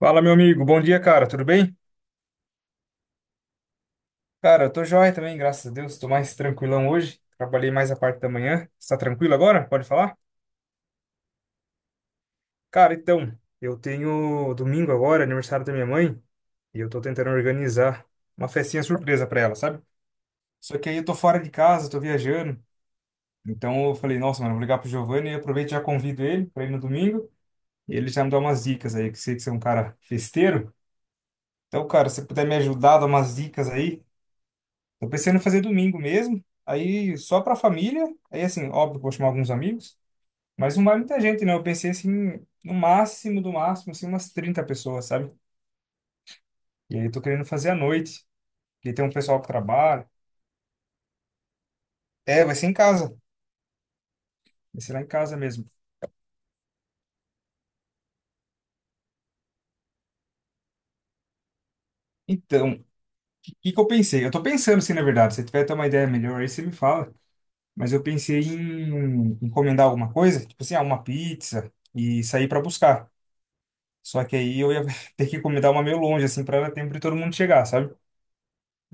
Fala, meu amigo. Bom dia, cara. Tudo bem? Cara, eu tô joia também, graças a Deus. Tô mais tranquilão hoje. Trabalhei mais a parte da manhã. Está tranquilo agora? Pode falar? Cara, então, eu tenho domingo agora, aniversário da minha mãe, e eu tô tentando organizar uma festinha surpresa pra ela, sabe? Só que aí eu tô fora de casa, tô viajando. Então eu falei, nossa, mano, vou ligar pro Giovanni e aproveito e já convido ele pra ir no domingo. E ele já me dá umas dicas aí, que sei que você é um cara festeiro. Então, cara, se você puder me ajudar, dar umas dicas aí, eu pensei em fazer domingo mesmo, aí só pra família, aí assim, óbvio que eu vou chamar alguns amigos, mas não vai muita gente, né? Eu pensei assim, no máximo do máximo, assim, umas 30 pessoas, sabe? E aí eu tô querendo fazer à noite, porque tem um pessoal que trabalha. É, vai ser em casa, vai ser lá em casa mesmo. Então, o que que eu pensei? Eu tô pensando assim, na verdade, se você tiver até uma ideia melhor aí, você me fala. Mas eu pensei em encomendar alguma coisa, tipo assim, ah, uma pizza e sair pra buscar. Só que aí eu ia ter que encomendar uma meio longe, assim, pra dar tempo de todo mundo chegar, sabe?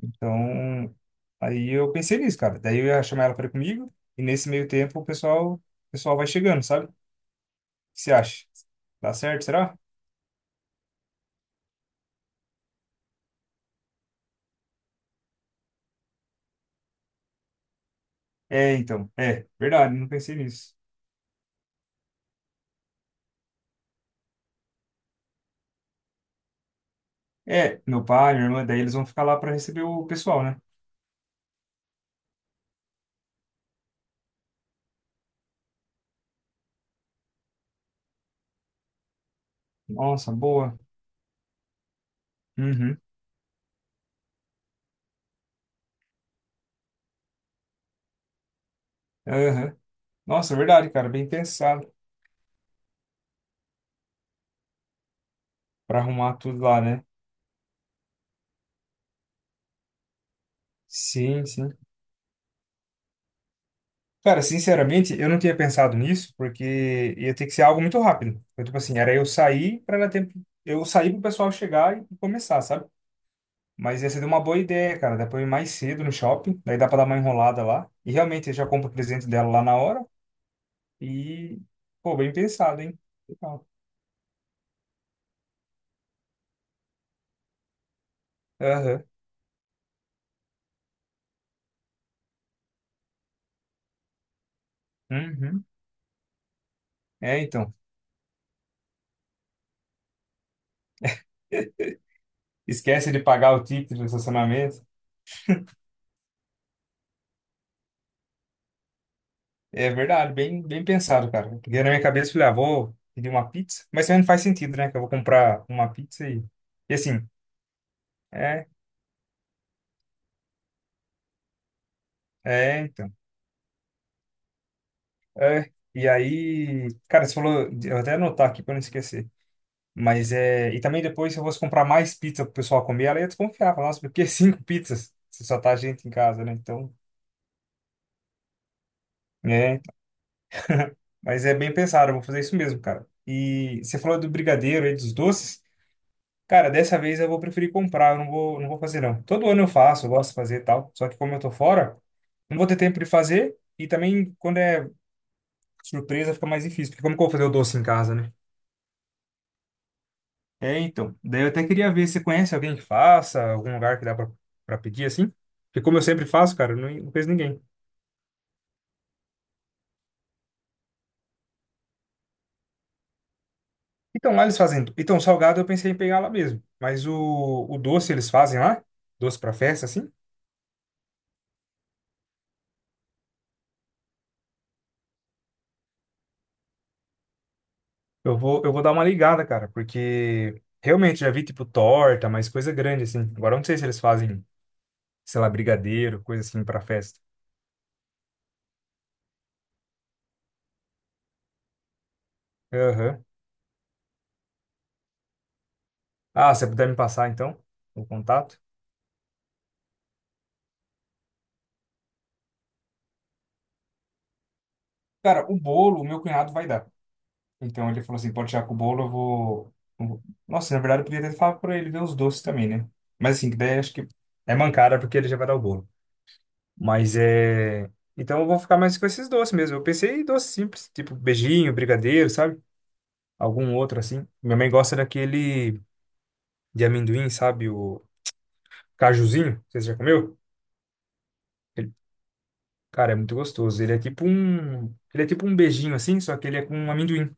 Então, aí eu pensei nisso, cara. Daí eu ia chamar ela para ir comigo e nesse meio tempo o pessoal vai chegando, sabe? O que você acha? Dá certo, será? É, então, é, verdade, não pensei nisso. É, meu pai, minha irmã, daí eles vão ficar lá para receber o pessoal, né? Nossa, boa. Uhum. Aham. Nossa, verdade, cara, bem pensado para arrumar tudo lá, né? Sim, sim. Cara, sinceramente, eu não tinha pensado nisso, porque ia ter que ser algo muito rápido. Então, tipo assim, era eu sair para dar tempo, eu sair pro pessoal chegar e começar, sabe? Mas essa deu uma boa ideia, cara. Dá pra eu ir mais cedo no shopping, daí dá pra dar uma enrolada lá. E realmente eu já compro o presente dela lá na hora. E, pô, bem pensado, hein? Legal. Aham. Uhum. É, então. Esquece de pagar o ticket do estacionamento. É verdade, bem pensado, cara. Porque na minha cabeça eu falei, ah, vou pedir uma pizza, mas também não faz sentido, né? Que eu vou comprar uma pizza e. E assim, é, é, então. É. E aí, cara, você falou, eu vou até anotar aqui pra não esquecer. Mas é. E também depois, se eu fosse comprar mais pizza pro pessoal comer, ela ia desconfiar, falar, nossa, por que cinco pizzas? Se só tá gente em casa, né? Então, é. Então". Mas é bem pensado, eu vou fazer isso mesmo, cara. E você falou do brigadeiro aí, dos doces. Cara, dessa vez eu vou preferir comprar, eu não vou fazer não. Todo ano eu faço, eu gosto de fazer e tal, só que como eu tô fora, não vou ter tempo de fazer e também quando é surpresa fica mais difícil, porque como que eu vou fazer o doce em casa, né? É, então. Daí eu até queria ver se conhece alguém que faça, algum lugar que dá pra pedir assim. Porque como eu sempre faço, cara, eu não conheço ninguém. Então lá eles fazem. Então salgado eu pensei em pegar lá mesmo, mas o doce eles fazem lá, doce pra festa assim. Eu vou dar uma ligada, cara, porque realmente já vi tipo torta, mas coisa grande assim. Agora eu não sei se eles fazem, sei lá, brigadeiro, coisa assim pra festa. Aham. Ah, se você puder me passar então o contato. Cara, o bolo, o meu cunhado vai dar. Então ele falou assim: pode tirar com o bolo, eu vou. Nossa, na verdade eu podia até falar pra ele ver os doces também, né? Mas assim, que daí acho que é mancada porque ele já vai dar o bolo. Mas é. Então eu vou ficar mais com esses doces mesmo. Eu pensei em doces simples, tipo beijinho, brigadeiro, sabe? Algum outro assim. Minha mãe gosta daquele de amendoim, sabe? O cajuzinho. Você já comeu? Ele- cara, é muito gostoso. Ele é tipo um beijinho assim, só que ele é com amendoim.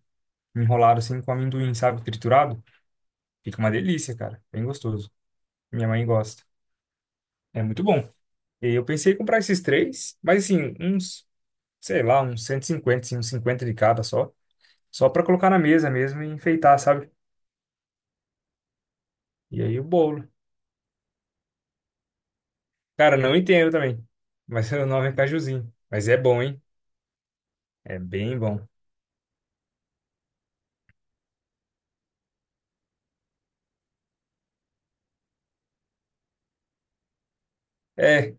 Enrolado assim com amendoim, sabe? Triturado. Fica uma delícia, cara. Bem gostoso. Minha mãe gosta. É muito bom. E eu pensei em comprar esses três, mas assim, uns, sei lá, uns 150 assim, uns 50 de cada só. Só pra colocar na mesa mesmo e enfeitar, sabe? E aí o bolo. Cara, não entendo também. Mas o nome é cajuzinho. Mas é bom, hein? É bem bom. É,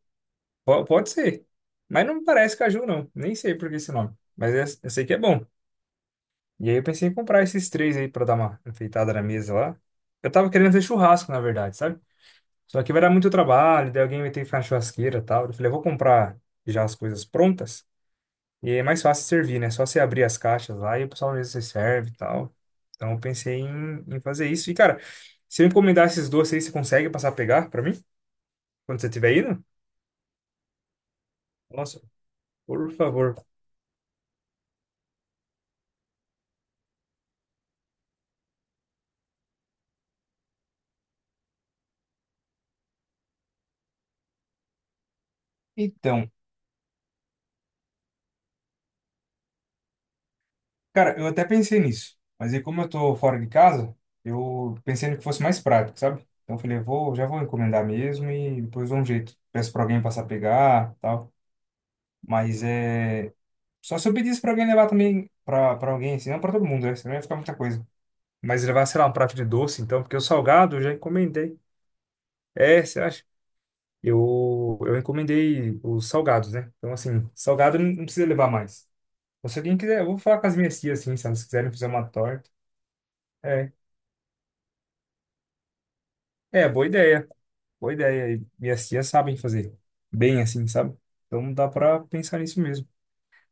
pode ser. Mas não parece caju, não. Nem sei por que esse nome. Mas eu sei que é bom. E aí eu pensei em comprar esses três aí pra dar uma enfeitada na mesa lá. Eu tava querendo fazer churrasco, na verdade, sabe? Só que vai dar muito trabalho, daí alguém vai ter que ficar na churrasqueira e tal. Eu falei, eu vou comprar já as coisas prontas. E aí é mais fácil servir, né? Só você abrir as caixas lá e o pessoal mesmo se serve e tal. Então eu pensei em fazer isso. E, cara, se eu encomendar esses doces aí, você consegue passar a pegar pra mim? Quando você estiver indo? Nossa, por favor. Então, cara, eu até pensei nisso, mas aí como eu tô fora de casa, eu pensei no que fosse mais prático, sabe? Então eu falei, eu vou, já vou encomendar mesmo e depois dou um jeito. Peço pra alguém passar a pegar, tal. Mas é só se eu pedisse pra alguém levar também pra para alguém, assim, não pra todo mundo, né? Senão ia ficar muita coisa. Mas levar, sei lá, um prato de doce, então, porque o salgado eu já encomendei. É, você acha? Eu encomendei os salgados, né? Então assim, salgado não precisa levar mais. Então, se alguém quiser, eu vou falar com as minhas tias assim, se elas quiserem fazer uma torta. É, É, boa ideia. Boa ideia. E minhas tias sabem fazer bem assim, sabe? Então dá pra pensar nisso mesmo.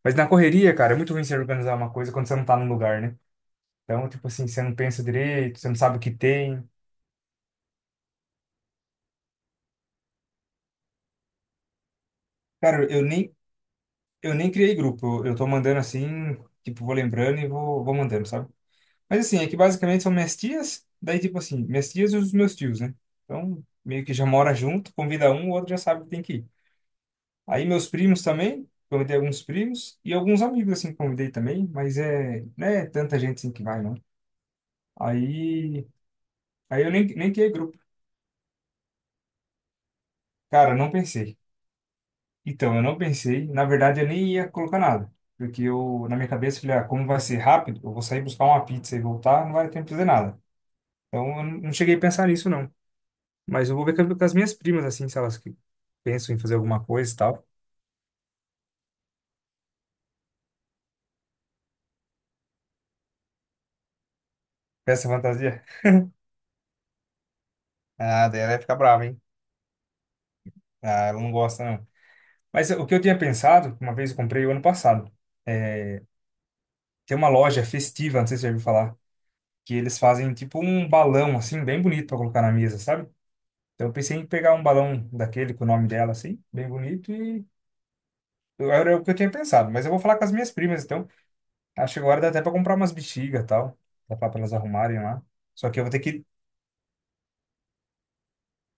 Mas na correria, cara, é muito ruim você organizar uma coisa quando você não tá no lugar, né? Então, tipo assim, você não pensa direito, você não sabe o que tem. Cara, eu nem criei grupo. Eu tô mandando assim, tipo, vou lembrando e vou mandando, sabe? Mas assim, é que basicamente são minhas tias, daí tipo assim, minhas tias e os meus tios, né? Então, meio que já mora junto, convida um, o outro já sabe que tem que ir. Aí meus primos também, convidei alguns primos e alguns amigos assim que convidei também, mas é, né, tanta gente assim que vai não. Aí, aí, eu nem criei grupo. Cara, eu não pensei. Então, eu não pensei, na verdade eu nem ia colocar nada, porque eu na minha cabeça eu falei, ah, como vai ser rápido, eu vou sair buscar uma pizza e voltar, não vai ter tempo de fazer nada. Então, eu não cheguei a pensar nisso não. Mas eu vou ver com as minhas primas assim, se elas que pensam em fazer alguma coisa e tal. Peça fantasia. Ah, daí ela vai ficar brava, hein? Ah, ela não gosta. Mas o que eu tinha pensado, uma vez eu comprei o ano passado, é, tem uma loja festiva, não sei se você já ouviu falar, que eles fazem tipo um balão, assim, bem bonito para colocar na mesa, sabe? Então eu pensei em pegar um balão daquele com o nome dela, assim, bem bonito, e era o que eu tinha pensado. Mas eu vou falar com as minhas primas, então acho que agora dá até para comprar umas bexigas e tal, dá para elas arrumarem lá. Só que eu vou ter que,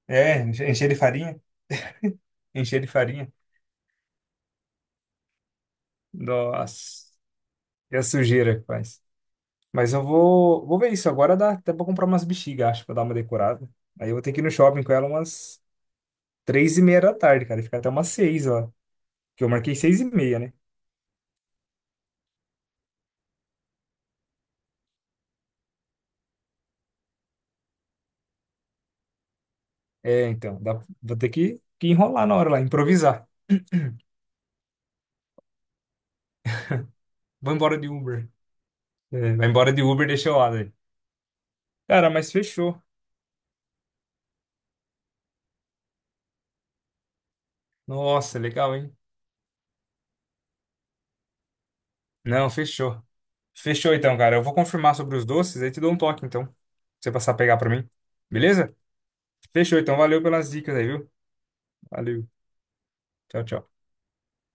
encher de farinha, encher de farinha. Nossa, e a sujeira que faz. Mas eu vou ver isso. Agora dá até pra comprar umas bexigas, acho, pra dar uma decorada. Aí eu vou ter que ir no shopping com ela umas 3h30 da tarde, cara. E ficar até umas 6h, ó. Que eu marquei 6h30, né? É, então. Dá, vou ter que enrolar na hora lá, improvisar. Vou embora de Uber. É, vai embora de Uber, deixa eu lá, daí. Cara, mas fechou. Nossa, legal, hein? Não, fechou. Fechou então, cara. Eu vou confirmar sobre os doces, aí te dou um toque, então. Pra você passar a pegar pra mim. Beleza? Fechou, então. Valeu pelas dicas aí, viu? Valeu. Tchau, tchau.